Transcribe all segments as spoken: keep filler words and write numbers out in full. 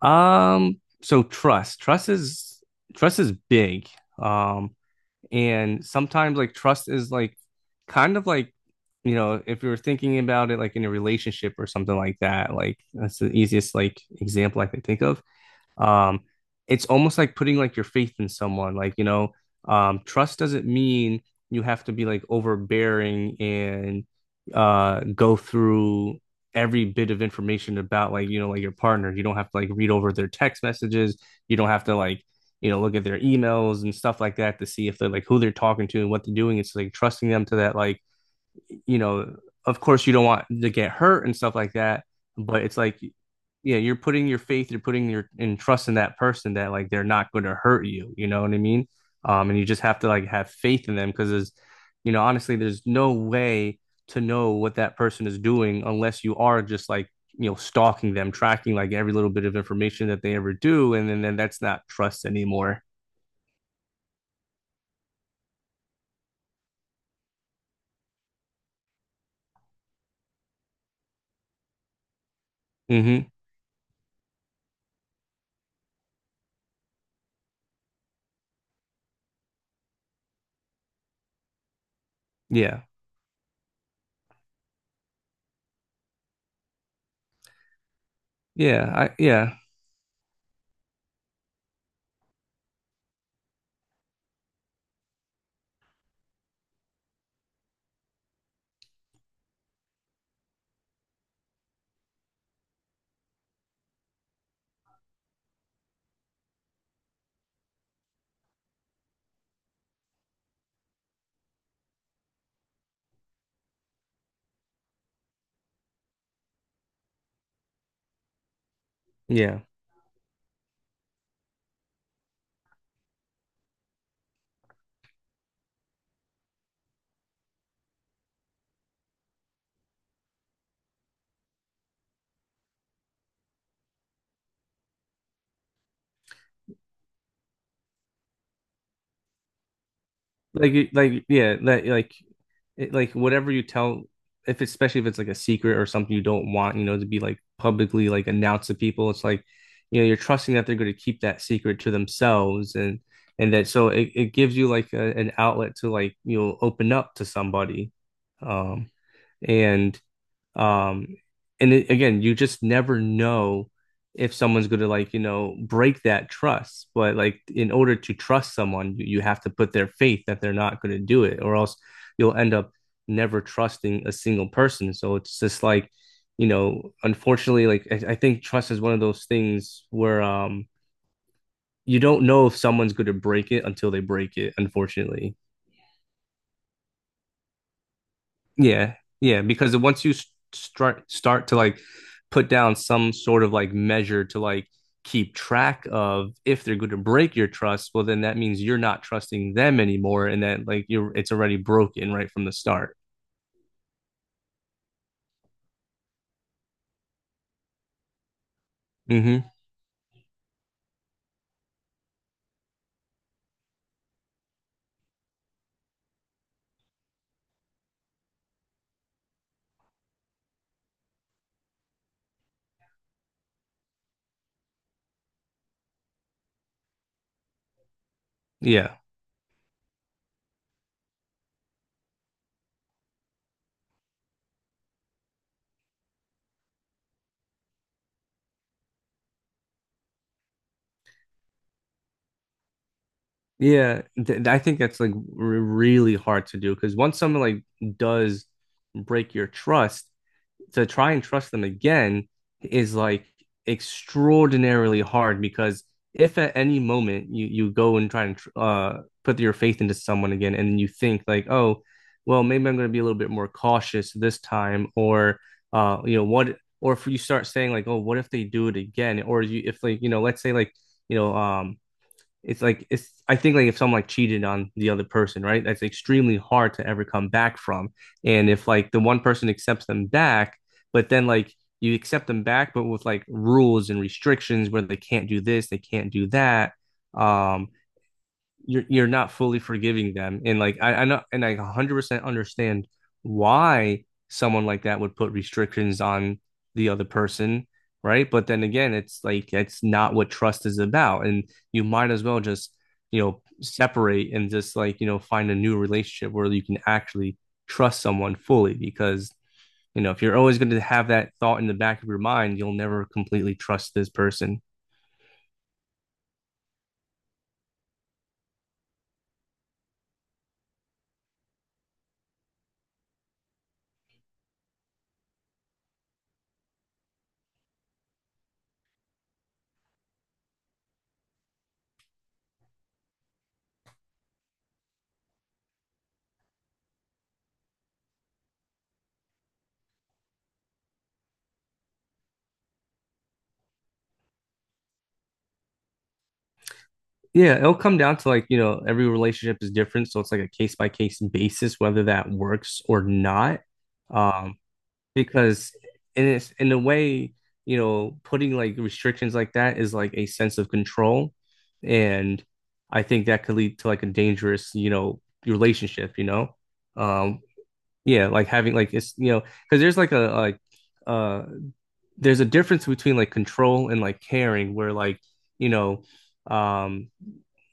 Um, so trust. Trust is trust is big. Um, and sometimes like trust is like kind of like, you know, if you were thinking about it like in a relationship or something like that, like that's the easiest like example I can think of. Um, it's almost like putting like your faith in someone. Like, you know, um, trust doesn't mean you have to be like overbearing and uh go through every bit of information about like, you know, like your partner. You don't have to like read over their text messages. You don't have to like, you know, look at their emails and stuff like that to see if they're like who they're talking to and what they're doing. It's like trusting them to that like you know, of course you don't want to get hurt and stuff like that, but it's like, yeah, you're putting your faith, you're putting your and trust in that person that like they're not going to hurt you. You know what I mean? Um, and you just have to like have faith in them because there's, you know, honestly, there's no way to know what that person is doing unless you are just like you know stalking them tracking like every little bit of information that they ever do and then, then that's not trust anymore. Mm hmm. Yeah. Yeah I, yeah yeah like like yeah That. like it, like whatever you tell if it's, especially if it's like a secret or something you don't want you know to be like publicly like announced to people it's like you know you're trusting that they're going to keep that secret to themselves and and that so it, it gives you like a, an outlet to like you know open up to somebody. um and um, and it, again, you just never know if someone's going to like, you know, break that trust. But like, in order to trust someone, you, you have to put their faith that they're not going to do it, or else you'll end up never trusting a single person. So it's just like, you know, unfortunately, like I, I think trust is one of those things where um you don't know if someone's going to break it until they break it, unfortunately. Yeah, yeah, because once you s- start start to like put down some sort of like measure to like keep track of if they're going to break your trust, well then that means you're not trusting them anymore and that like you're it's already broken right from the start. Hmm. Yeah. Yeah, th I think that's like r really hard to do because once someone like does break your trust, to try and trust them again is like extraordinarily hard because if at any moment you you go and try and uh put your faith into someone again and you think like oh well maybe I'm going to be a little bit more cautious this time or uh you know what or if you start saying like oh what if they do it again or you if like you know let's say like you know um it's like it's I think like if someone like cheated on the other person, right? That's extremely hard to ever come back from. And if like the one person accepts them back, but then like you accept them back, but with like rules and restrictions where they can't do this, they can't do that. Um, you're you're not fully forgiving them. And like I, I know and I one hundred percent understand why someone like that would put restrictions on the other person, right? But then again, it's like it's not what trust is about. And you might as well just, you know, separate and just like, you know, find a new relationship where you can actually trust someone fully because you know, if you're always going to have that thought in the back of your mind, you'll never completely trust this person. Yeah, it'll come down to like, you know, every relationship is different, so it's like a case by case basis whether that works or not. Um, because in it's in a way, you know, putting like restrictions like that is like a sense of control, and I think that could lead to like a dangerous, you know, relationship, you know. Um, yeah, like having like it's, you know, because there's like a like uh there's a difference between like control and like caring where like, you know, um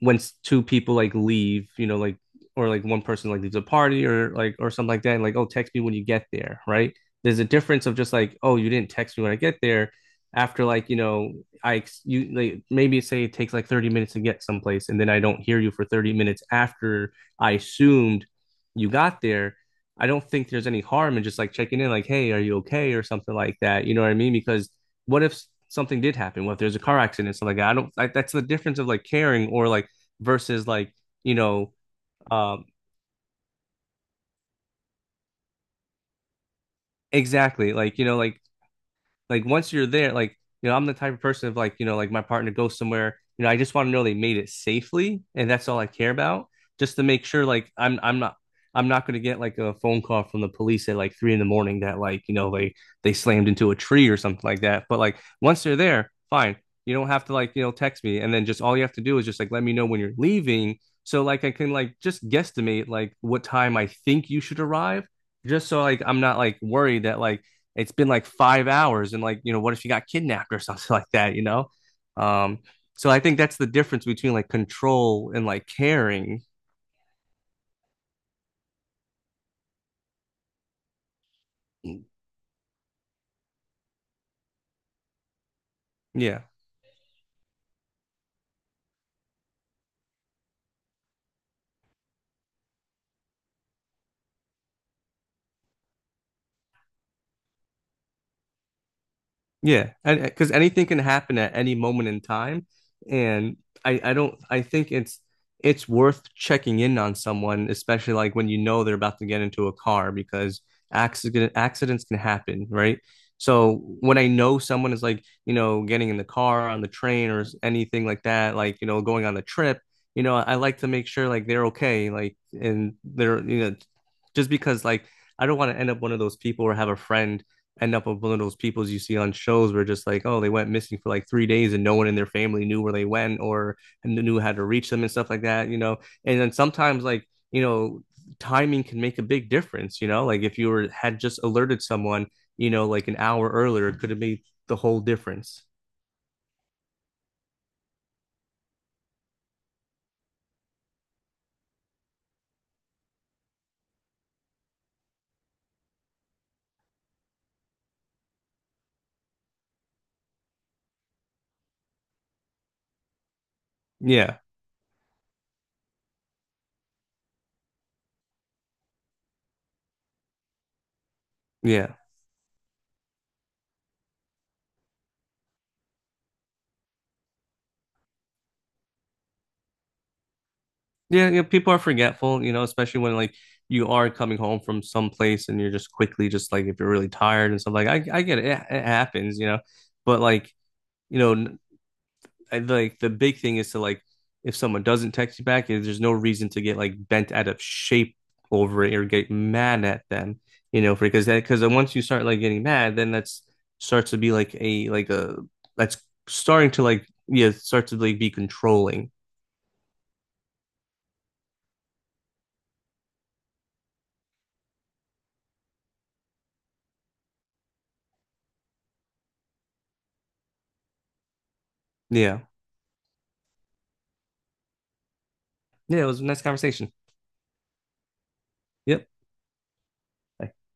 when two people like leave, you know, like or like one person like leaves a party or like or something like that, and like, oh, text me when you get there, right? There's a difference of just like, oh, you didn't text me when I get there. After like, you know, I you like maybe say it takes like thirty minutes to get someplace, and then I don't hear you for thirty minutes after I assumed you got there. I don't think there's any harm in just like checking in, like, hey, are you okay? Or something like that. You know what I mean? Because what if something did happen? What if there's a car accident? Something like that? I don't, like, that's the difference of like caring or like versus like you know um exactly like you know like like once you're there, like you know, I'm the type of person of like you know, like my partner goes somewhere, you know, I just want to know they made it safely, and that's all I care about, just to make sure like I'm I'm not. I'm not going to get like a phone call from the police at like three in the morning that like you know they they slammed into a tree or something like that. But like once they're there, fine. You don't have to like you know text me, and then just all you have to do is just like let me know when you're leaving, so like I can like just guesstimate like what time I think you should arrive, just so like I'm not like worried that like it's been like five hours and like you know what if she got kidnapped or something like that you know. um so I think that's the difference between like control and like caring. Yeah, yeah, and because anything can happen at any moment in time, and I I don't I think it's it's worth checking in on someone, especially like when you know they're about to get into a car because accident accidents can happen, right? So when I know someone is like, you know, getting in the car, on the train, or s- anything like that, like, you know, going on a trip, you know, I like to make sure like they're okay, like, and they're, you know, just because like I don't want to end up one of those people or have a friend end up with one of those peoples you see on shows where just like, oh, they went missing for like three days and no one in their family knew where they went or knew how to reach them and stuff like that, you know. And then sometimes like, you know, timing can make a big difference, you know, like if you were had just alerted someone, you know, like an hour earlier, it could have made the whole difference. Yeah. Yeah. Yeah, yeah, people are forgetful, you know, especially when like you are coming home from some place and you're just quickly just like if you're really tired and stuff like I I get it, it, it happens, you know, but like you know I, like the big thing is to like if someone doesn't text you back, there's no reason to get like bent out of shape over it or get mad at them, you know, because that because once you start like getting mad, then that's starts to be like a like a that's starting to like yeah start to like be controlling. Yeah, yeah, it was a nice conversation. Yep,